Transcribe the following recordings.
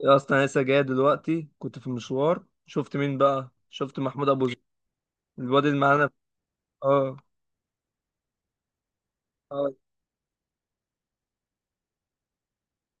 يا اصلا انا لسه جاي دلوقتي، كنت في مشوار. شفت مين بقى؟ شفت محمود ابو زيد. الواد اللي معانا. اه. اه،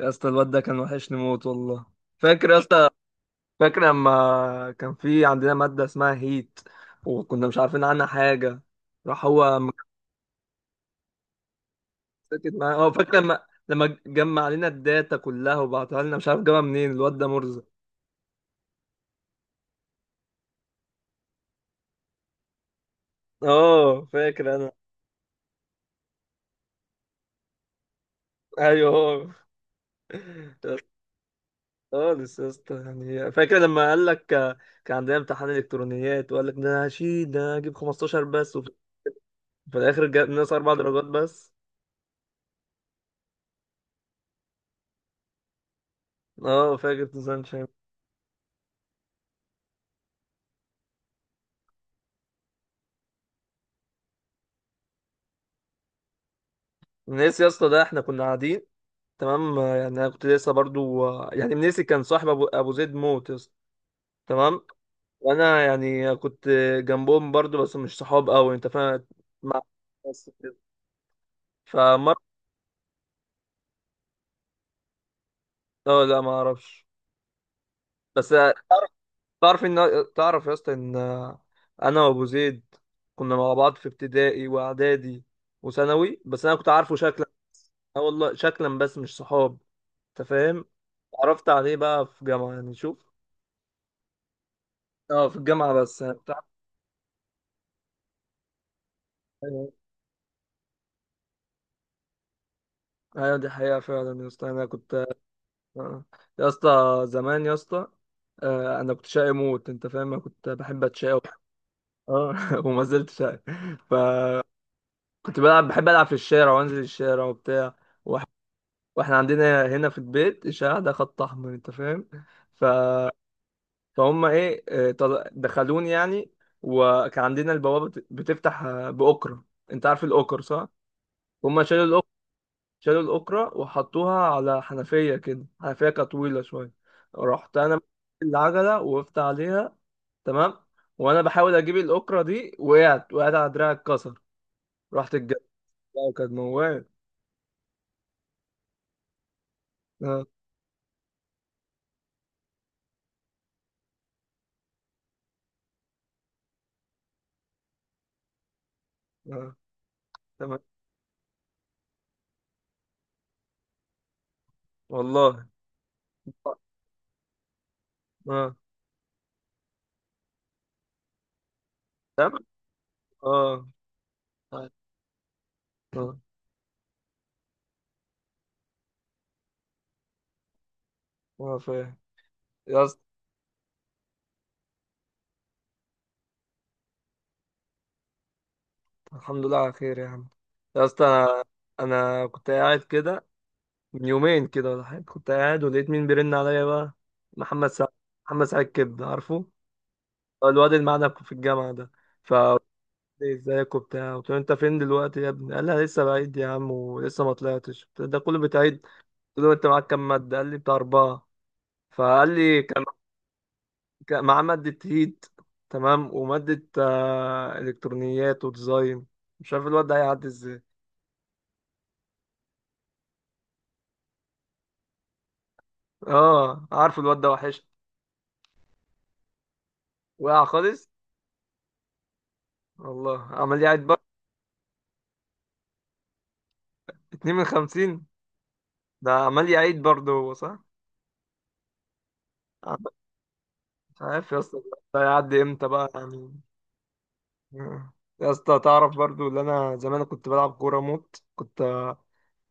يا اسطى الواد ده كان وحشني موت والله. فاكر يا اسطى؟ فاكر لما كان في عندنا ماده اسمها هيت وكنا مش عارفين عنها حاجه؟ راح هو ساكت معانا. اه، فاكر لما جمع علينا الداتا كلها وبعتها لنا، مش عارف جابها منين، الواد ده مرزق. اه فاكر انا. ايوه هو. خالص يا اسطى. يعني فاكر لما قال لك، كان عندنا امتحان الكترونيات وقال لك ده أنا هشيل، ده أنا هجيب 15 بس، في الاخر جاب ناقص اربع درجات بس. اه فاكر. نظام شام. نسي يا اسطى، ده احنا كنا قاعدين. تمام. يعني انا كنت لسه برضو، يعني منيسي كان صاحب ابو زيد موت يا اسطى. تمام. وانا يعني كنت جنبهم برضو، بس مش صحاب قوي، انت فاهم، مع الناس كده. فمر. اه، لا ما اعرفش. بس تعرف ان، تعرف يا اسطى ان انا وابو زيد كنا مع بعض في ابتدائي واعدادي وثانوي، بس انا كنت عارفه شكلا. اه والله، شكلا بس مش صحاب، انت فاهم. عرفت عليه بقى في جامعة، يعني شوف. اه، في الجامعة بس يعني بتاع. ايوه. أيوة، دي حقيقة فعلا يا اسطى، انا كنت. آه. يا اسطى زمان يا اسطى، انا كنت شقي موت، انت فاهم. انا كنت بحب اتشقى اه، وما زلت شقي. فكنت بلعب، بحب العب في الشارع وانزل الشارع وبتاع، واحنا عندنا هنا في البيت الشارع ده خط احمر، انت فاهم. ف... فهم ايه، دخلوني يعني. وكان عندنا البوابه بتفتح باكره. انت عارف الاكر صح؟ هم شالوا الاكره وحطوها على حنفيه كده، حنفيه كانت طويله شويه. رحت انا، العجله وقفت عليها، تمام، وانا بحاول اجيب الاكره دي وقعت، وقعت على دراعي اتكسر. رحت الجنة. بقى كانت موال. اه. اه، تمام والله. اه. آه، تمام. اه. اه. اه فاهم يا اسطى. الحمد لله على خير يا عم. يا اسطى انا كنت قاعد كده من يومين كده ولا حاجه، كنت قاعد ولقيت مين بيرن عليا بقى؟ محمد سعد. محمد سعد، كبده عارفه. هو الواد اللي معانا في الجامعه ده. ف، ازيك وبتاع، قلت له انت فين دلوقتي يا ابني؟ قال لي أنا لسه بعيد يا عم ولسه ما طلعتش. قلت له ده كله بتعيد؟ قلت له انت معاك كام ماده؟ قال لي بتاع اربعه. فقال لي كان مع مادة هيت، تمام، ومادة إلكترونيات وديزاين. مش عارف الواد ده هيعدي ازاي. اه عارف، الواد ده وحش، وقع خالص. والله عمال يعيد برضه. اتنين من خمسين. ده عمال يعيد برضه هو، صح. عم- مش عارف يا اسطى. ده هيعدي امتى بقى يعني؟ آه. يا اسطى تعرف برضه اللي انا زمان كنت بلعب كورة موت؟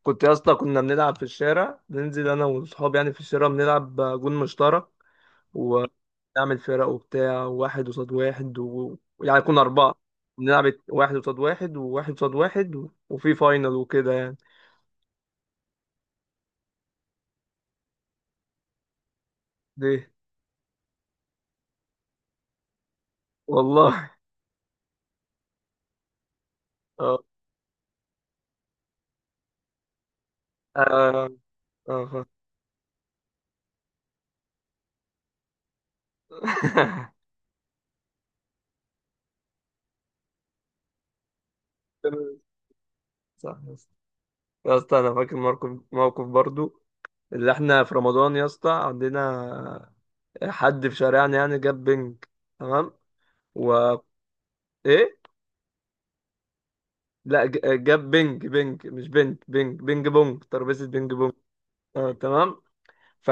كنت يا اسطى، كنا بنلعب في الشارع، ننزل انا واصحابي يعني في الشارع بنلعب جون مشترك، ونعمل فرق وبتاع، واحد قصاد واحد يعني كنا أربعة نلعب واحد قصاد واحد وواحد قصاد واحد وفي فاينل وكده يعني. ليه؟ والله. اه. اه. آه، خ- تمام. صح يا اسطى. يا اسطى انا فاكر موقف، موقف برضو اللي احنا في رمضان يا اسطى، عندنا حد في شارعنا يعني جاب بنج. تمام. و، ايه، لا جاب بنج، بنج مش بنت. بنج بنج بونج، ترابيزة بنج بونج. اه تمام. ف...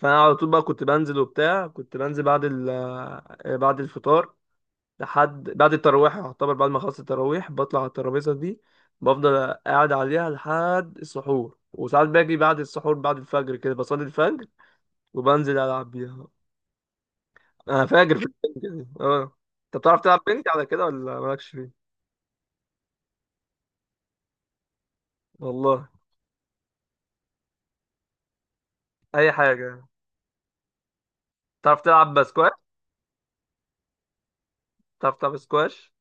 فانا على طول بقى كنت بنزل وبتاع، كنت بنزل بعد ال... آه، بعد الفطار لحد بعد التراويح، يعتبر بعد ما خلصت التراويح بطلع على الترابيزه دي، بفضل قاعد عليها لحد السحور، وساعات باجي بعد السحور بعد الفجر كده، بصلي الفجر وبنزل العب بيها. انا فاجر في البنج دي اه. انت بتعرف تلعب بنج على كده ولا مالكش فيه؟ والله. اي حاجه. تعرف تلعب بسكواش؟ تعرف تلعب سكواش؟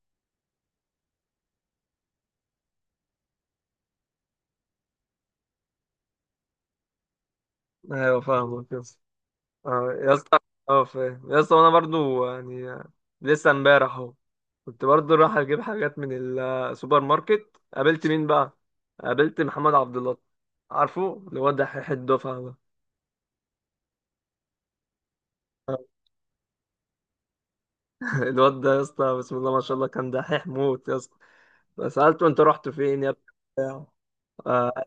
ايوه فاهمك. اه يا اسطى. اه فاهم يا اسطى. انا برضو يعني، لسه امبارح اهو، كنت برضو رايح اجيب حاجات من السوبر ماركت. قابلت مين بقى؟ قابلت محمد عبد الله. عارفه الواد دحيح الدفعه ده. الواد ده يا اسطى، بسم الله ما شاء الله، كان دحيح موت يا اسطى. فسالته انت رحت فين يا ابني؟ بتاع. آه.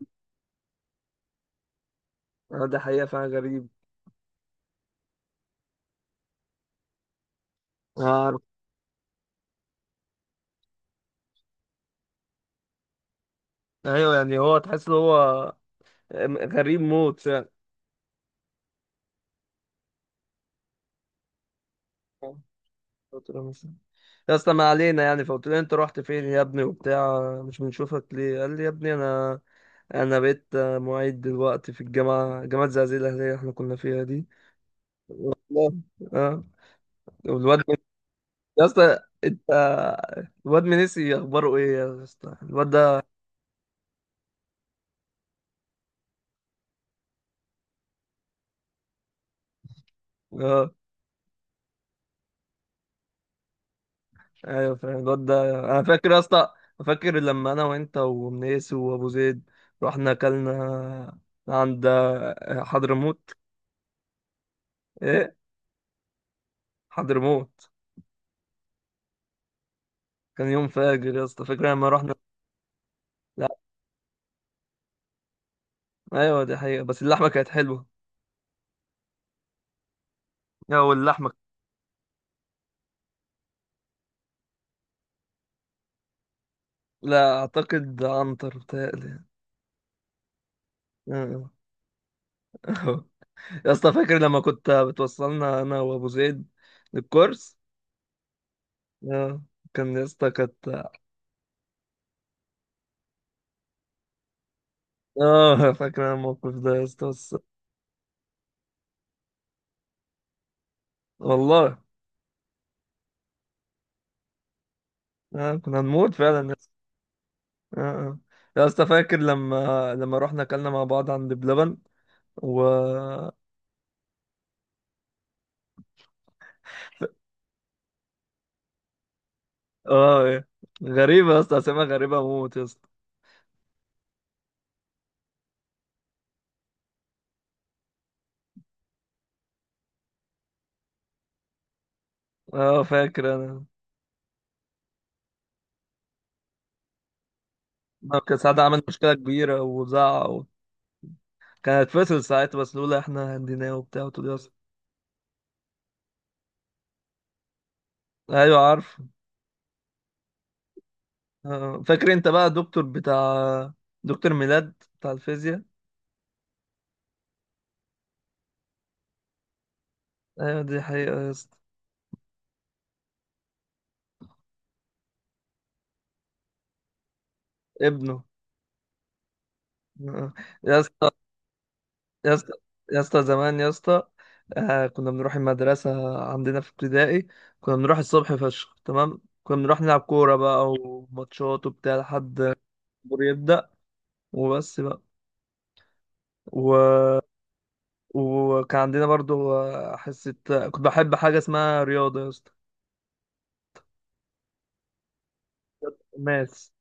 ده حقيقه فعلا غريب. عارف. ايوه يعني هو، تحس ان هو غريب موت فعلا. قلت له مش، يا اسطى ما علينا يعني. فقلت له انت رحت فين يا ابني وبتاع، مش بنشوفك ليه؟ قال لي يا ابني انا بقيت معيد دلوقتي في جامعه زعزع الاهليه احنا كنا فيها دي. لا. اه. والواد يا اسطى انت. الواد من نسي، اخباره ايه يا اسطى الواد ده؟ اه. ايوه فاهم الواد ده. انا فاكر يا اسطى، فاكر لما انا وانت ومنيس وابو زيد رحنا اكلنا عند حضرموت. ايه. حضرموت. كان يوم فاجر يا اسطى، فاكر لما رحنا؟ لا. ايوه دي حقيقة، بس اللحمة كانت حلوة. يا واللحمة. لا، اعتقد عنتر بتهيألي. آه. يا اسطى فاكر لما كنت بتوصلنا انا وابو زيد للكورس؟ آه. كان يا اسطى كانت. اه فاكر أنا الموقف ده يا اسطى، بس والله. آه. كنا هنموت فعلا يا اسطى. آه. آه. يا اسطى فاكر لما رحنا اكلنا مع بعض عند بلبن و. اه إيه. غريبة يا اسطى، اسامي غريبة موت يا اسطى. اه فاكر انا. ما كان ساعتها عمل مشكله كبيره وزعق و. كان هيتفصل ساعتها، بس لولا احنا هنديناه وبتاع. وتقول يا اسطى. ايوه عارف. آه. اه فاكر انت بقى الدكتور بتاع، دكتور ميلاد بتاع الفيزياء. ايوه دي حقيقه يا اسطى. ابنه. آه. اه. يا اسطى. يا اسطى، زمان يا اسطى، كنا بنروح المدرسه عندنا في ابتدائي، كنا بنروح الصبح فشخ، تمام. كنا بنروح نلعب كوره بقى وماتشات وبتاع لحد الجمهور يبدأ، وبس بقى. و. وكان عندنا برضو، حصة، كنت بحب حاجة اسمها رياضة يا اسطى. ماس.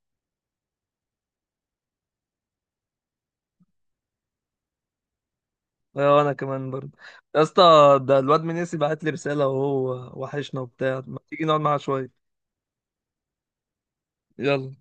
وانا كمان برضو. يا اسطى، ده الواد منيسي بعت لي رسالة وهو وحشنا وبتاع، ما تيجي نقعد معاه شوية؟ يلا.